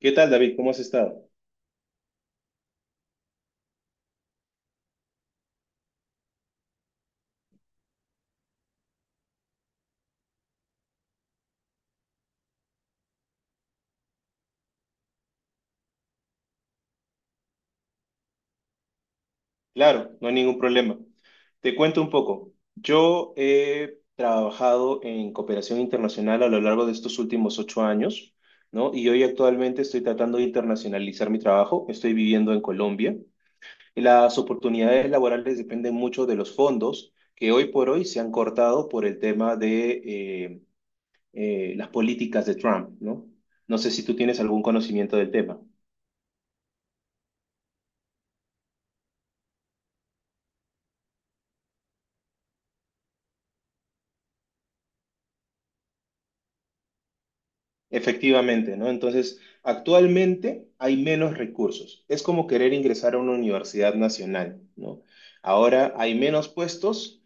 ¿Qué tal, David? ¿Cómo has estado? Claro, no hay ningún problema. Te cuento un poco. Yo he trabajado en cooperación internacional a lo largo de estos últimos 8 años, ¿no? Y hoy actualmente estoy tratando de internacionalizar mi trabajo. Estoy viviendo en Colombia. Y las oportunidades laborales dependen mucho de los fondos que hoy por hoy se han cortado por el tema de las políticas de Trump, ¿no? No sé si tú tienes algún conocimiento del tema. Efectivamente, ¿no? Entonces, actualmente hay menos recursos. Es como querer ingresar a una universidad nacional, ¿no? Ahora hay menos puestos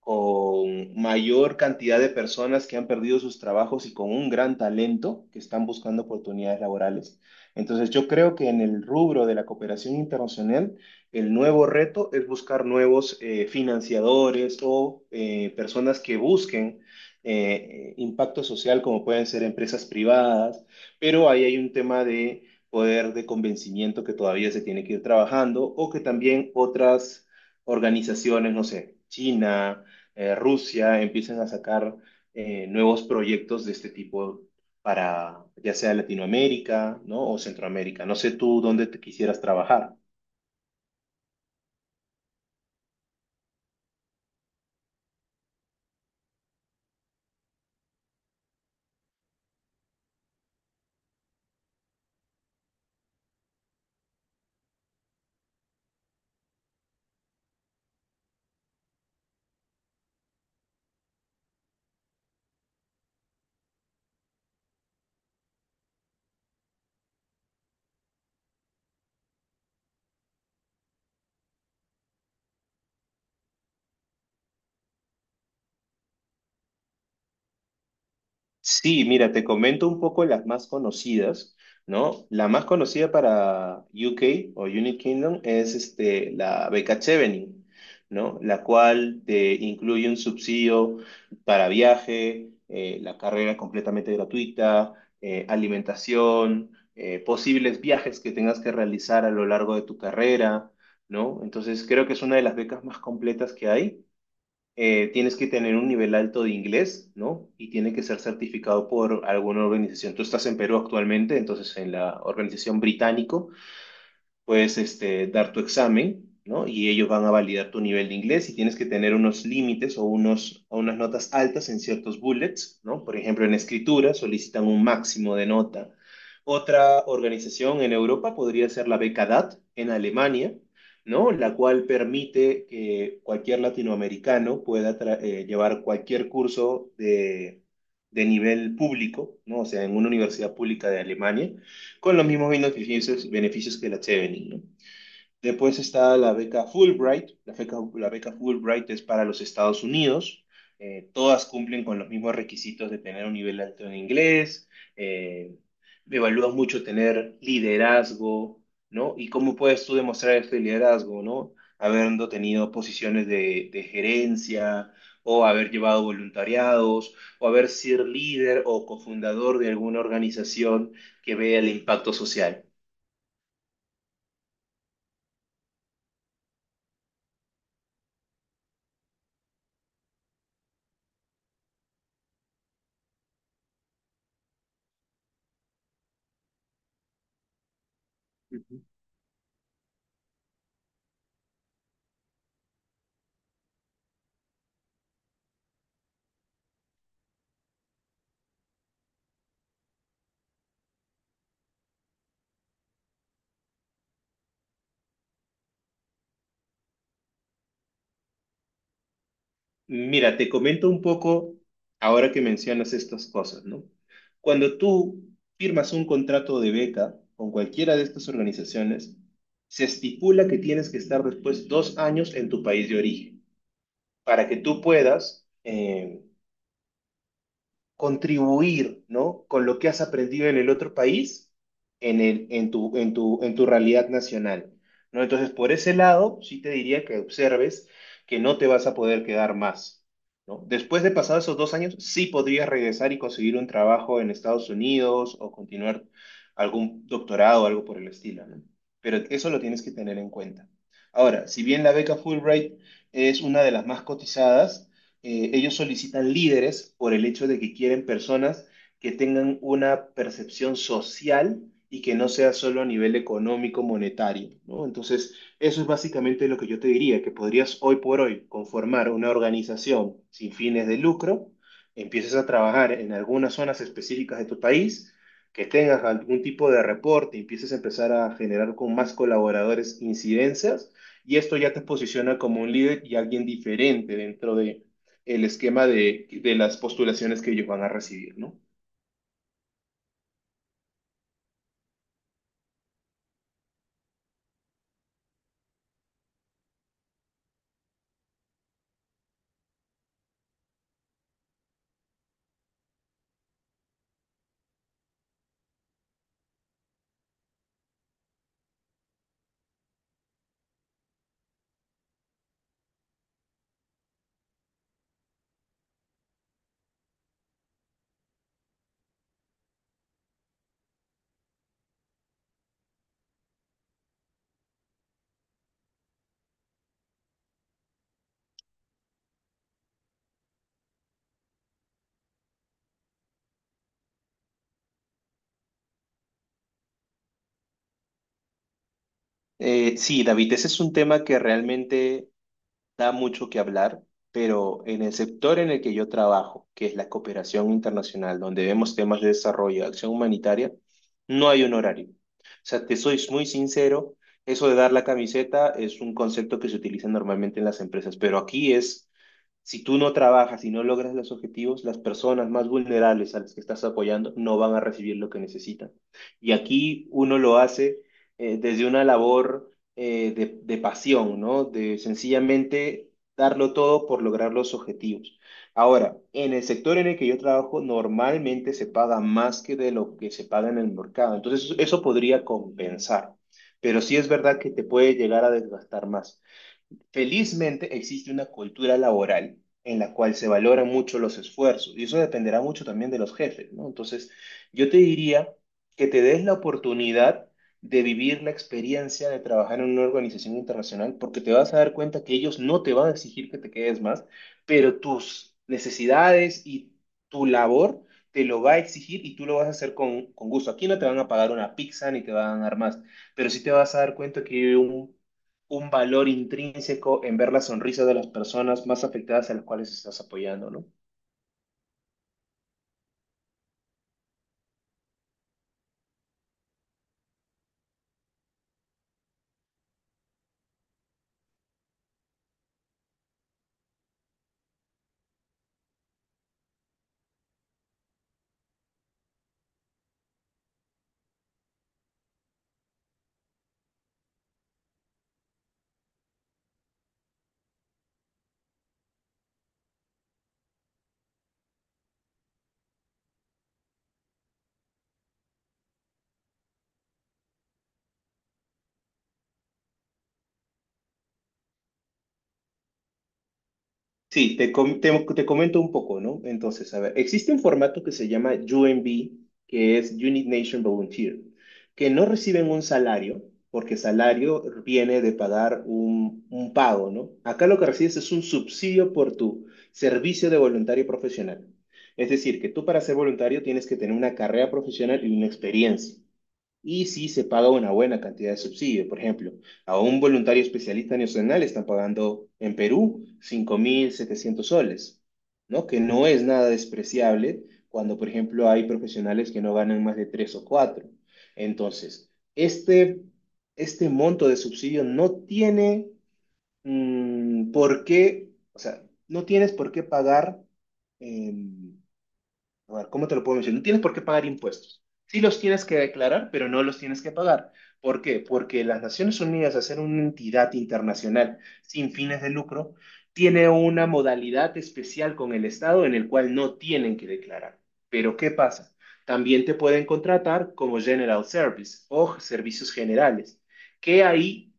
con mayor cantidad de personas que han perdido sus trabajos y con un gran talento que están buscando oportunidades laborales. Entonces, yo creo que en el rubro de la cooperación internacional, el nuevo reto es buscar nuevos financiadores o personas que busquen impacto social, como pueden ser empresas privadas, pero ahí hay un tema de poder de convencimiento que todavía se tiene que ir trabajando o que también otras organizaciones, no sé, China, Rusia empiecen a sacar nuevos proyectos de este tipo para ya sea Latinoamérica, ¿no? O Centroamérica. No sé tú dónde te quisieras trabajar. Sí, mira, te comento un poco las más conocidas, ¿no? La más conocida para UK o United Kingdom es este, la beca Chevening, ¿no? La cual te incluye un subsidio para viaje, la carrera completamente gratuita, alimentación, posibles viajes que tengas que realizar a lo largo de tu carrera, ¿no? Entonces creo que es una de las becas más completas que hay. Tienes que tener un nivel alto de inglés, ¿no? Y tiene que ser certificado por alguna organización. Tú estás en Perú actualmente, entonces en la organización británico puedes este, dar tu examen, ¿no? Y ellos van a validar tu nivel de inglés y tienes que tener unos límites o, unos, o unas notas altas en ciertos bullets, ¿no? Por ejemplo, en escritura solicitan un máximo de nota. Otra organización en Europa podría ser la Beca DAT en Alemania, ¿no? La cual permite que cualquier latinoamericano pueda llevar cualquier curso de nivel público, ¿no? O sea, en una universidad pública de Alemania con los mismos beneficios, que la Chevening, ¿no? Después está la beca Fulbright. La beca Fulbright es para los Estados Unidos. Todas cumplen con los mismos requisitos de tener un nivel alto en inglés. eh, Evalúan mucho tener liderazgo, ¿no? ¿Y cómo puedes tú demostrar este liderazgo, ¿no? Habiendo tenido posiciones de gerencia o haber llevado voluntariados o haber sido líder o cofundador de alguna organización que vea el impacto social. Ujú. Mira, te comento un poco ahora que mencionas estas cosas, ¿no? Cuando tú firmas un contrato de beca con cualquiera de estas organizaciones, se estipula que tienes que estar después 2 años en tu país de origen para que tú puedas contribuir, ¿no? Con lo que has aprendido en el otro país, en el, en tu, en tu, en tu realidad nacional, ¿no? Entonces, por ese lado, sí te diría que observes que no te vas a poder quedar más, ¿no? Después de pasados esos 2 años, sí podrías regresar y conseguir un trabajo en Estados Unidos o continuar algún doctorado o algo por el estilo, ¿no? Pero eso lo tienes que tener en cuenta. Ahora, si bien la beca Fulbright es una de las más cotizadas, ellos solicitan líderes por el hecho de que quieren personas que tengan una percepción social y que no sea solo a nivel económico, monetario, ¿no? Entonces, eso es básicamente lo que yo te diría, que podrías hoy por hoy conformar una organización sin fines de lucro, empieces a trabajar en algunas zonas específicas de tu país, que tengas algún tipo de reporte, empieces a empezar a generar con más colaboradores incidencias, y esto ya te posiciona como un líder y alguien diferente dentro de el esquema de las postulaciones que ellos van a recibir, ¿no? Sí, David, ese es un tema que realmente da mucho que hablar, pero en el sector en el que yo trabajo, que es la cooperación internacional, donde vemos temas de desarrollo, acción humanitaria, no hay un horario. O sea, te soy muy sincero, eso de dar la camiseta es un concepto que se utiliza normalmente en las empresas, pero aquí es, si tú no trabajas y no logras los objetivos, las personas más vulnerables a las que estás apoyando no van a recibir lo que necesitan. Y aquí uno lo hace desde una labor de pasión, ¿no? De sencillamente darlo todo por lograr los objetivos. Ahora, en el sector en el que yo trabajo, normalmente se paga más que de lo que se paga en el mercado. Entonces, eso podría compensar. Pero sí es verdad que te puede llegar a desgastar más. Felizmente existe una cultura laboral en la cual se valoran mucho los esfuerzos y eso dependerá mucho también de los jefes, ¿no? Entonces, yo te diría que te des la oportunidad de vivir la experiencia de trabajar en una organización internacional porque te vas a dar cuenta que ellos no te van a exigir que te quedes más, pero tus necesidades y tu labor te lo va a exigir y tú lo vas a hacer con gusto. Aquí no te van a pagar una pizza ni te van a dar más, pero sí te vas a dar cuenta que hay un valor intrínseco en ver la sonrisa de las personas más afectadas a las cuales estás apoyando, ¿no? Sí, te comento un poco, ¿no? Entonces, a ver, existe un formato que se llama UNB, que es Unit Nation Volunteer, que no reciben un salario, porque salario viene de pagar un pago, ¿no? Acá lo que recibes es un subsidio por tu servicio de voluntario profesional. Es decir, que tú para ser voluntario tienes que tener una carrera profesional y una experiencia. Y sí se paga una buena cantidad de subsidio. Por ejemplo, a un voluntario especialista nacional están pagando en Perú 5700 soles, ¿no? Que no es nada despreciable cuando, por ejemplo, hay profesionales que no ganan más de 3 o cuatro. Entonces, este monto de subsidio no tiene por qué, o sea, no tienes por qué pagar. em, a ver, ¿cómo te lo puedo mencionar? No tienes por qué pagar impuestos. Sí los tienes que declarar, pero no los tienes que pagar. ¿Por qué? Porque las Naciones Unidas, al ser una entidad internacional sin fines de lucro, tiene una modalidad especial con el Estado en el cual no tienen que declarar. Pero ¿qué pasa? También te pueden contratar como General Service o servicios generales, que ahí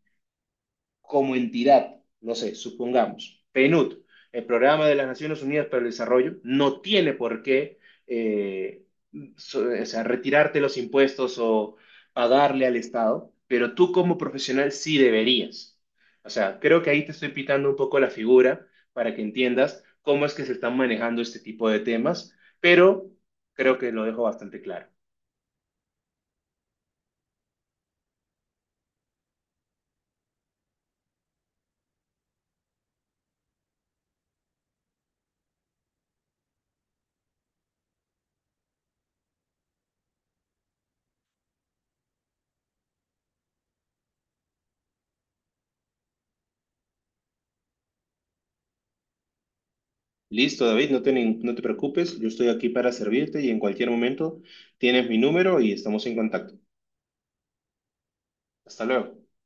como entidad, no sé, supongamos, PNUD, el Programa de las Naciones Unidas para el Desarrollo, no tiene por qué eh, o sea, retirarte los impuestos o pagarle al Estado, pero tú como profesional sí deberías. O sea, creo que ahí te estoy pitando un poco la figura para que entiendas cómo es que se están manejando este tipo de temas, pero creo que lo dejo bastante claro. Listo, David, no te preocupes, yo estoy aquí para servirte y en cualquier momento tienes mi número y estamos en contacto. Hasta luego.